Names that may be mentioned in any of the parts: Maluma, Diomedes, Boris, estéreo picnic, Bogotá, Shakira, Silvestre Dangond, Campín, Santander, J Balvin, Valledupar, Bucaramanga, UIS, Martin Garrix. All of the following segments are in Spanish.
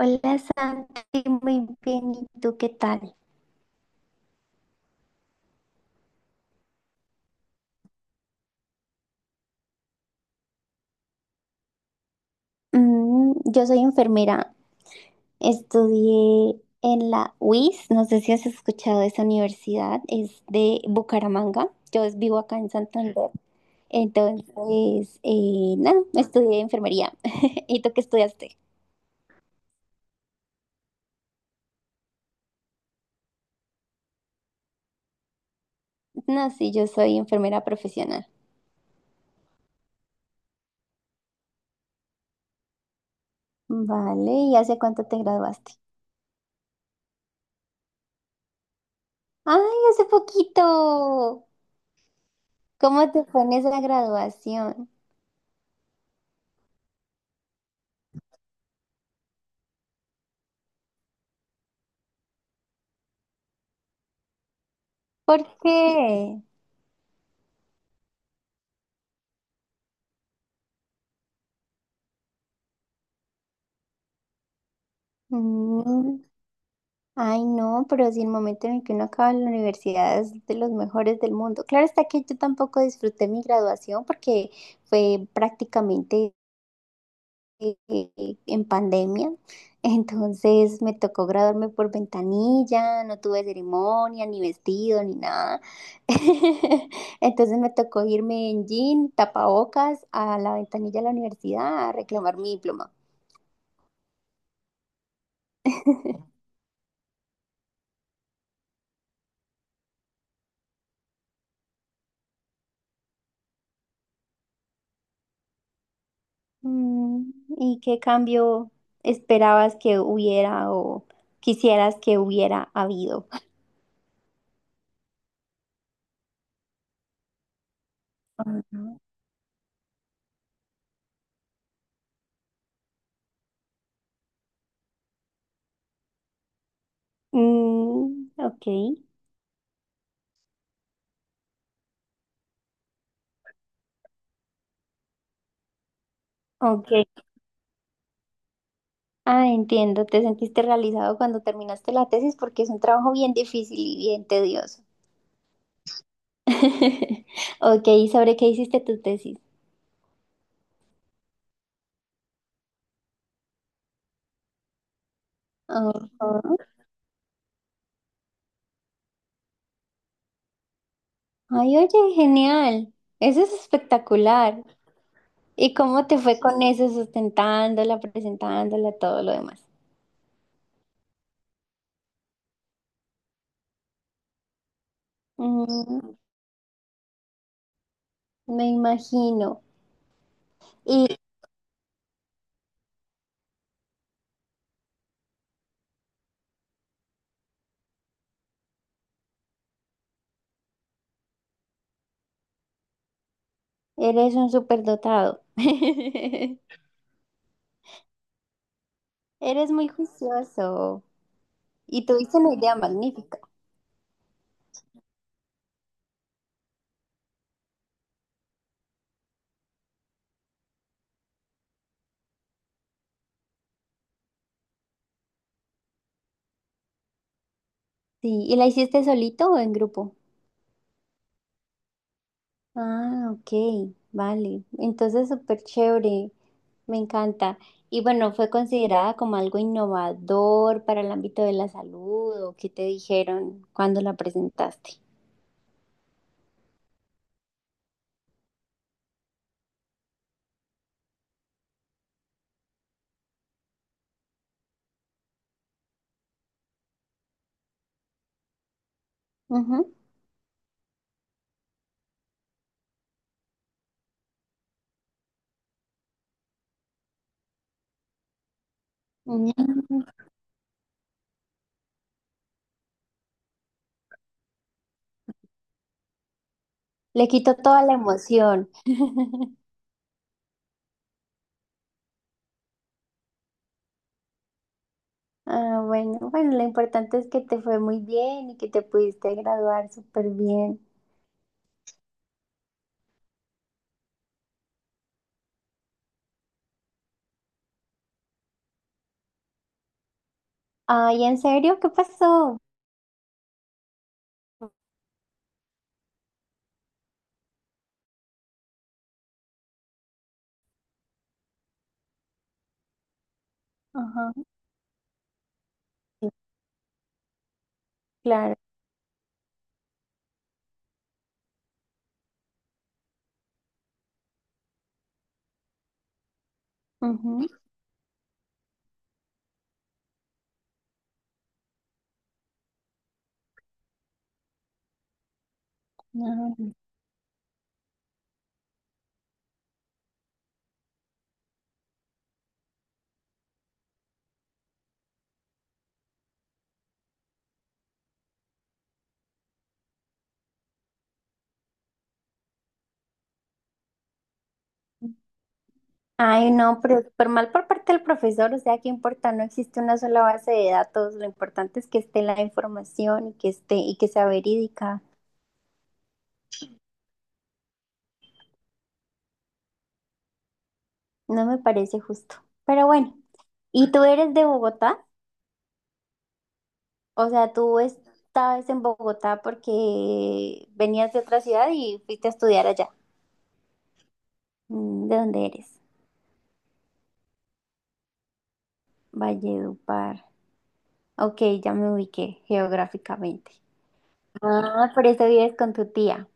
Hola Santi, muy bien. ¿Y tú qué tal? Yo soy enfermera. Estudié en la UIS. No sé si has escuchado de esa universidad. Es de Bucaramanga. Yo vivo acá en Santander. Entonces, nada, estudié enfermería. ¿Y tú qué estudiaste? No, sí, yo soy enfermera profesional. Vale, ¿y hace cuánto te graduaste? ¡Ay, hace poquito! ¿Cómo te fue en esa graduación? ¿Por qué? Mm, Ay, no, pero si el momento en el que uno acaba la universidad es de los mejores del mundo. Claro está que yo tampoco disfruté mi graduación porque fue prácticamente en pandemia. Entonces me tocó graduarme por ventanilla, no tuve ceremonia, ni vestido, ni nada. Entonces me tocó irme en jean, tapabocas, a la ventanilla de la universidad a reclamar mi diploma. ¿Y qué cambio esperabas que hubiera o quisieras que hubiera habido? Mm, ok, ok. Ah, entiendo. Te sentiste realizado cuando terminaste la tesis porque es un trabajo bien difícil y bien tedioso. Ok, ¿y sobre qué hiciste tu tesis? Ujú. Ay, oye, genial. Eso es espectacular. ¿Y cómo te fue con eso, sustentándola, presentándola, todo lo demás? Mm, Me imagino. Eres un superdotado. Eres muy juicioso. Y tuviste una idea magnífica. Sí, ¿y la hiciste solito o en grupo? Ah, ok, vale. Entonces, súper chévere. Me encanta. Y bueno, ¿fue considerada como algo innovador para el ámbito de la salud o qué te dijeron cuando la presentaste? Ujú. Mm. Le quito toda la emoción. Ah, bueno, bueno, lo importante es que te fue muy bien y que te pudiste graduar súper bien. Ay, ¿en serio? ¿Qué pasó? Ajá, sí, claro. Ujú. Ay, ay, no, pero súper mal por parte del profesor, o sea, qué importa, no existe una sola base de datos, lo importante es que esté la información y que esté y que sea verídica. No me parece justo. Pero bueno, ¿y tú eres de Bogotá? O sea, tú estabas en Bogotá porque venías de otra ciudad y fuiste a estudiar allá. ¿De dónde eres? Valledupar. Ok, ya me ubiqué geográficamente. Ah, por eso vives con tu tía.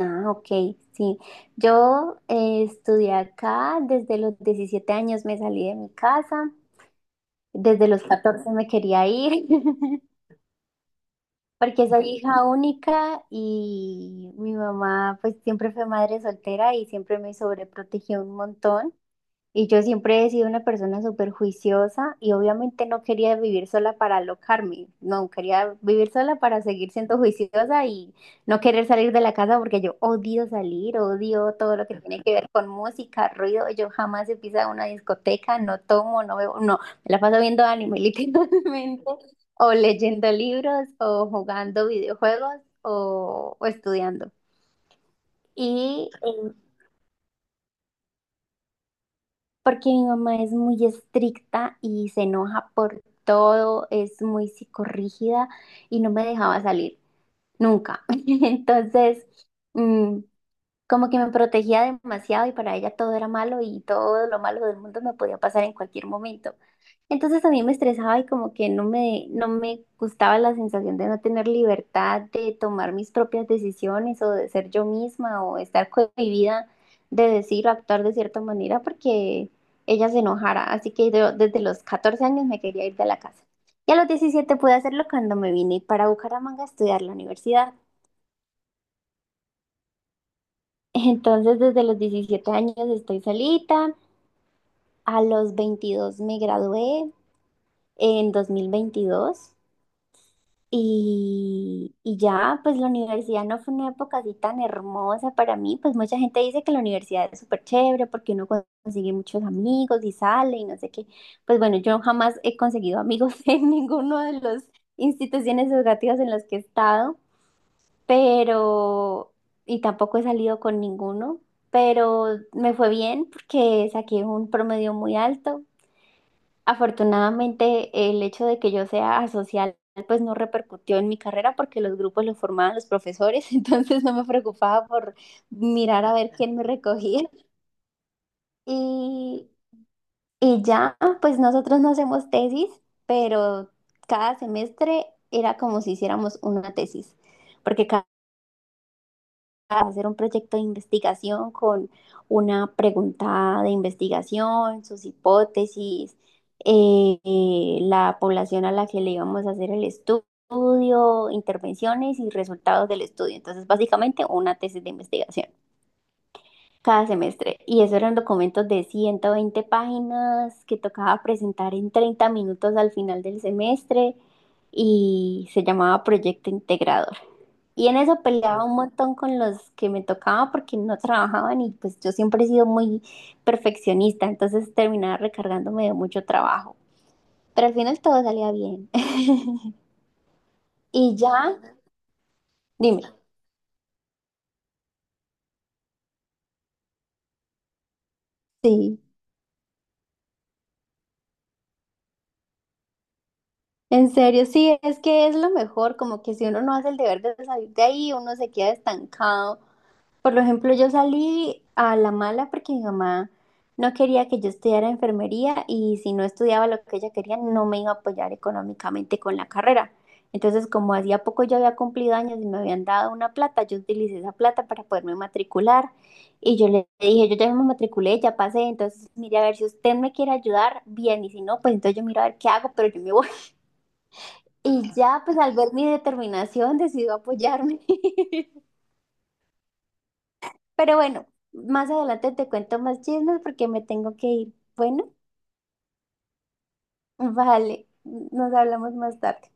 Ah, ok, sí. Yo estudié acá, desde los 17 años me salí de mi casa, desde los 14 me quería ir, porque soy hija única y mi mamá pues siempre fue madre soltera y siempre me sobreprotegió un montón. Y yo siempre he sido una persona súper juiciosa y obviamente no quería vivir sola para alocarme, no, quería vivir sola para seguir siendo juiciosa y no querer salir de la casa porque yo odio salir, odio todo lo que tiene que ver con música, ruido, yo jamás he pisado una discoteca, no tomo, no bebo, no, me la paso viendo anime literalmente, o leyendo libros, o jugando videojuegos, o estudiando. Y porque mi mamá es muy estricta y se enoja por todo, es muy psicorrígida y no me dejaba salir, nunca. Entonces, mm, como que me protegía demasiado y para ella todo era malo y todo lo malo del mundo me podía pasar en cualquier momento. Entonces a mí me estresaba y como que no me gustaba la sensación de no tener libertad de tomar mis propias decisiones o de ser yo misma o estar cohibida de decir o actuar de cierta manera porque ella se enojara. Así que yo desde los 14 años me quería ir de la casa. Y a los 17 pude hacerlo cuando me vine para Bucaramanga a estudiar la universidad. Entonces desde los 17 años estoy solita. A los 22 me gradué en 2022. Y ya, pues la universidad no fue una época así tan hermosa para mí, pues mucha gente dice que la universidad es súper chévere porque uno consigue muchos amigos y sale y no sé qué. Pues bueno, yo jamás he conseguido amigos en ninguno de las instituciones educativas en las que he estado, pero, y tampoco he salido con ninguno, pero me fue bien porque saqué un promedio muy alto. Afortunadamente, el hecho de que yo sea asocial, pues no repercutió en mi carrera porque los grupos los formaban los profesores, entonces no me preocupaba por mirar a ver quién me recogía. Y, y ya, pues nosotros no hacemos tesis, pero cada semestre era como si hiciéramos una tesis, porque a hacer un proyecto de investigación con una pregunta de investigación, sus hipótesis, la población a la que le íbamos a hacer el estudio, intervenciones y resultados del estudio. Entonces, básicamente una tesis de investigación cada semestre. Y eso eran documentos de 120 páginas que tocaba presentar en 30 minutos al final del semestre y se llamaba proyecto integrado. Y en eso peleaba un montón con los que me tocaba porque no trabajaban y pues yo siempre he sido muy perfeccionista, entonces terminaba recargándome de mucho trabajo. Pero al final todo salía bien. Y ya, dime, sí, en serio, sí, es que es lo mejor, como que si uno no hace el deber de salir de ahí, uno se queda estancado. Por ejemplo, yo salí a la mala porque mi mamá no quería que yo estudiara enfermería y si no estudiaba lo que ella quería, no me iba a apoyar económicamente con la carrera. Entonces, como hacía poco yo había cumplido años y me habían dado una plata, yo utilicé esa plata para poderme matricular y yo le dije, yo ya me matriculé, ya pasé, entonces mire a ver si usted me quiere ayudar, bien, y si no, pues entonces yo miro a ver qué hago, pero yo me voy. Y ya, pues al ver mi determinación, decidió apoyarme. Pero bueno, más adelante te cuento más chismes porque me tengo que ir. Bueno, vale, nos hablamos más tarde.